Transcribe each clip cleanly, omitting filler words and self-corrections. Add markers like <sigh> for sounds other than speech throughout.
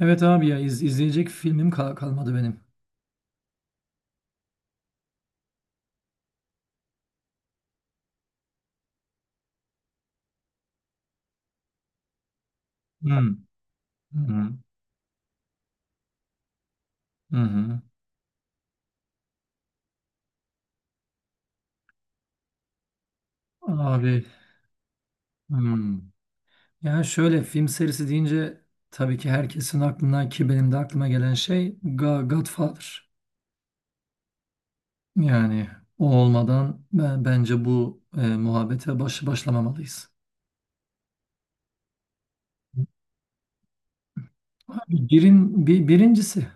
Evet abi ya izleyecek filmim kalmadı benim. Hmm. Hı hı. Hı. Abi. Hmm. Yani şöyle film serisi deyince tabii ki herkesin aklına, ki benim de aklıma gelen şey Godfather. Yani o olmadan bence bu muhabbete başlamamalıyız. Abi birincisi.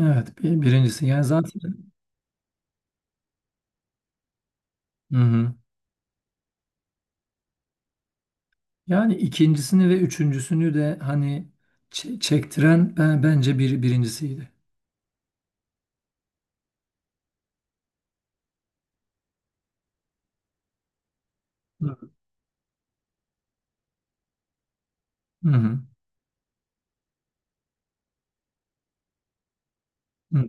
Evet, birincisi. Yani zaten. Hı hı. Yani ikincisini ve üçüncüsünü de hani çektiren bence birincisiydi. Hı hı. Hı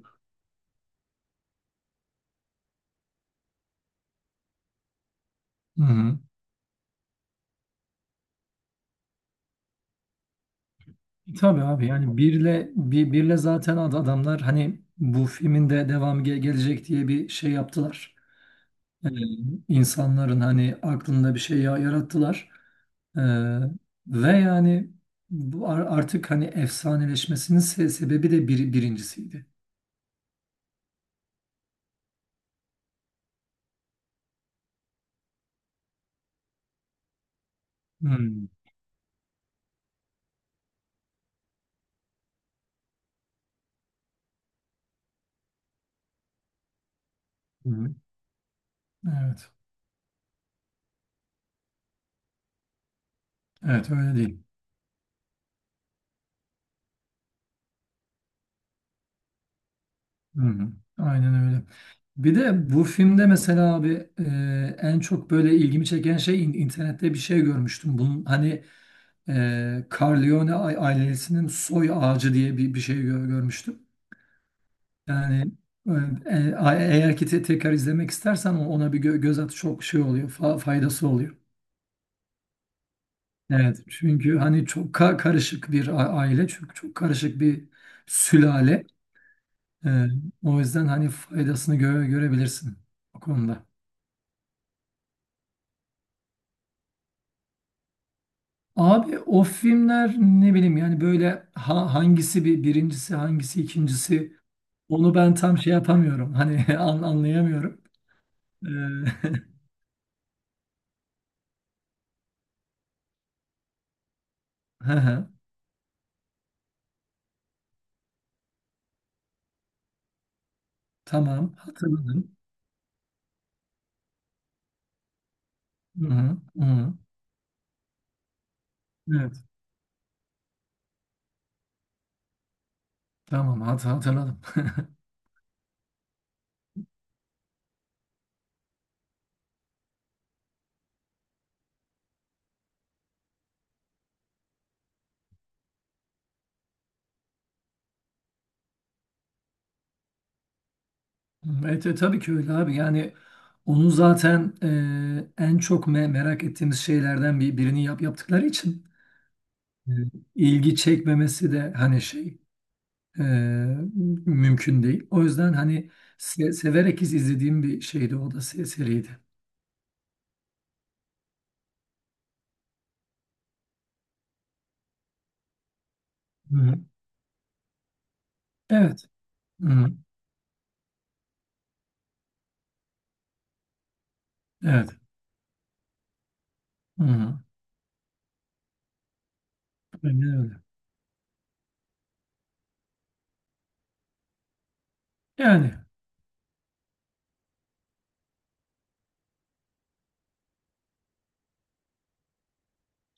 hı. Hı. Tabii abi, yani birle, zaten adamlar hani bu filmin de devamı gelecek diye bir şey yaptılar. Ee, insanların hani aklında bir şey yarattılar. Ee, Ve yani bu artık hani efsaneleşmesinin sebebi de birincisiydi. Hı hı. Evet. Evet, öyle değil. Hı hı. Aynen öyle. Bir de bu filmde mesela abi, en çok böyle ilgimi çeken şey, internette bir şey görmüştüm. Bunun hani Corleone ailesinin soy ağacı diye bir şey görmüştüm. Yani eğer ki tekrar izlemek istersen ona bir göz at, çok şey oluyor, faydası oluyor. Evet, çünkü hani çok karışık bir aile, çünkü çok karışık bir sülale. E, O yüzden hani faydasını görebilirsin o konuda. Abi, o filmler ne bileyim yani, böyle hangisi birincisi, hangisi ikincisi, onu ben tam şey yapamıyorum. Hani, <laughs> anlayamıyorum. Ee, <laughs> hı hı, tamam, hatırladım. Hı hı, hı hı. Evet, tamam, hatırladım. <laughs> Evet, tabii ki öyle abi. Yani onu zaten en çok merak ettiğimiz şeylerden birini yaptıkları için e, ilgi çekmemesi de hani şey, e, mümkün değil. O yüzden hani severek izlediğim bir şeydi o da, seriydi. Hı. Evet. Hı, evet. Hı, aynen öyle. Yani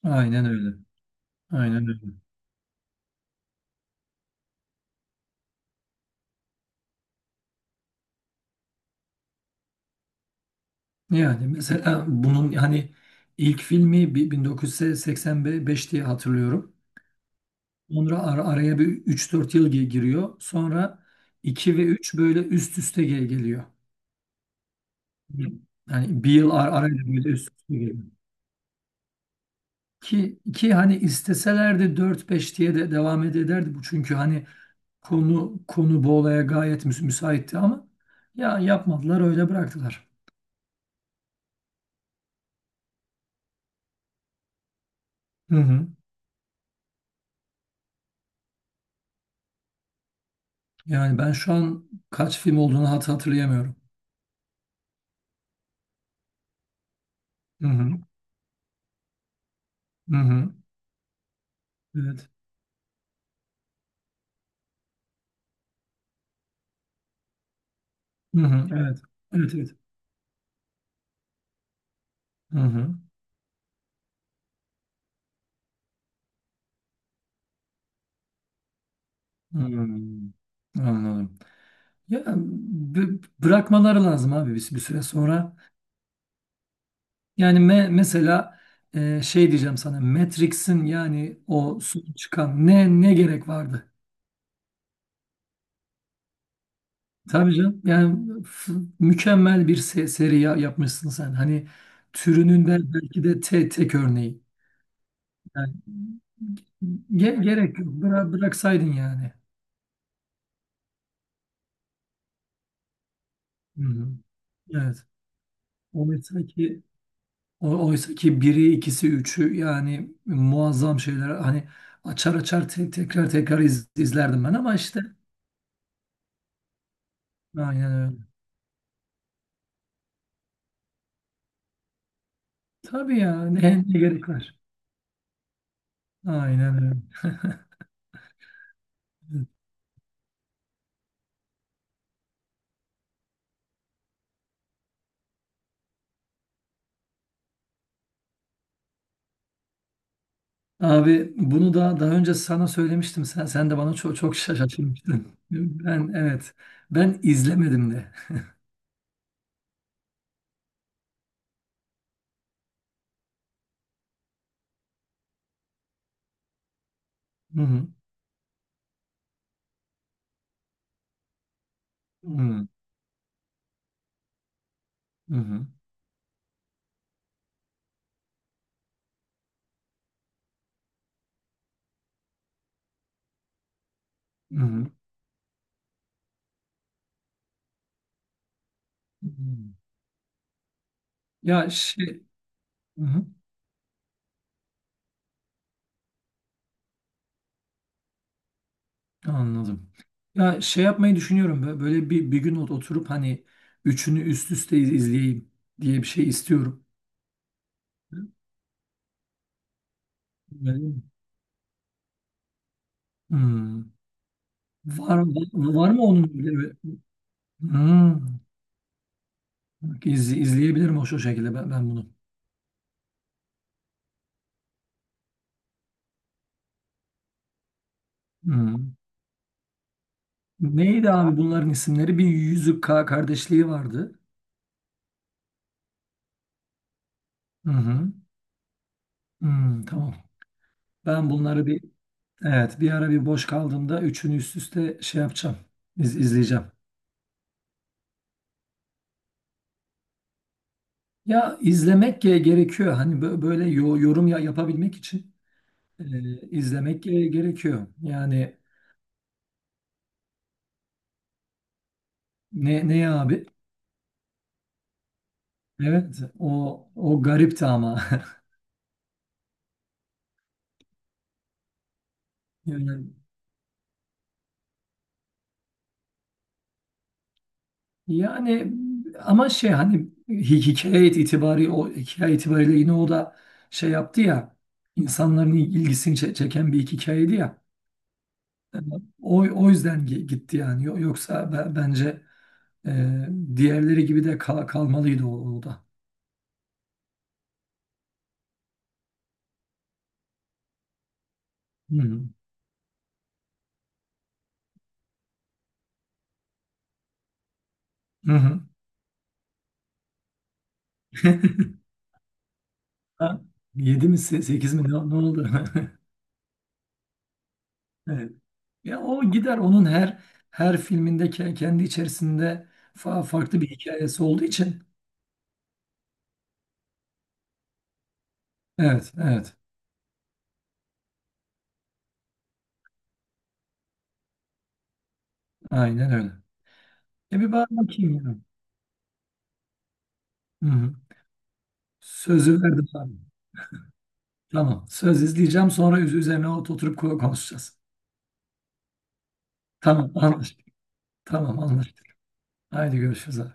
aynen öyle. Aynen öyle. Yani mesela bunun hani ilk filmi 1985 diye hatırlıyorum. Sonra araya bir 3-4 yıl giriyor. Sonra 2 ve 3 böyle üst üste geliyor. Yani bir yıl arayla böyle üst üste geliyor. Ki hani isteselerdi dört, beş diye de devam ederdi bu. Çünkü hani konu bu olaya gayet müsaitti, ama yapmadılar, öyle bıraktılar. Hı hı. Yani ben şu an kaç film olduğunu hatırlayamıyorum. Hı hı. Hı hı. Evet. Hı hı. Evet. Evet, evet. Hı hı. Hmm. Anladım. Ya, bırakmaları lazım abi bir süre sonra. Yani mesela, şey diyeceğim sana, Matrix'in yani o son çıkan, ne gerek vardı? Tabii canım, yani mükemmel bir seri yapmışsın sen. Hani türünün belki de tek örneği. Yani gerek yok. Bıraksaydın yani. Hı-hı. Evet. Oysa ki biri, ikisi, üçü yani muazzam şeyler. Hani açar açar tekrar tekrar izlerdim ben, ama işte, aynen öyle. Tabii ya, ne gerek var? Aynen öyle. Abi, bunu da daha önce sana söylemiştim. Sen de bana çok çok şaşırtmıştın. Ben, evet. Ben izlemedim de. Hı hı. Hı hı. Hı hı. Hı. Ya şey Hı hı. Anladım. Ya, şey yapmayı düşünüyorum. Böyle bir gün oturup hani üçünü üst üste izleyeyim diye bir şey istiyorum. Öyle mi? Hı. Var mı onun böyle? Hı. İzleyebilirim o, şu şekilde ben bunu. Hı. Neydi abi bunların isimleri? Bir Yüzük Kardeşliği vardı. Hı hı. Hı, tamam. Ben bunları evet, bir ara, bir boş kaldığımda üçünü üst üste şey yapacağım. İzleyeceğim. Ya izlemek gerekiyor. Hani böyle yorum yapabilmek için izlemek gerekiyor. Yani ne abi? Evet, o garipti ama. <laughs> Yani, ama şey hani, hikaye itibariyle yine o da şey yaptı ya, insanların ilgisini çeken bir iki hikayeydi ya. Yani o yüzden gitti yani. Yoksa bence e, diğerleri gibi de kalmalıydı o da. Hı hı. Hı hı. <laughs> Ha, yedi mi, sekiz mi, ne oldu? <laughs> Evet. Ya, o gider, onun her filminde kendi içerisinde farklı bir hikayesi olduğu için. Evet, evet. Aynen öyle. Bir bakayım ya. Hı hı. Sözü verdim abi. Tamam. Söz, izleyeceğim, sonra üzerine oturup konuşacağız. Tamam, anlaştık. Tamam, anlaştık. Haydi, görüşürüz abi.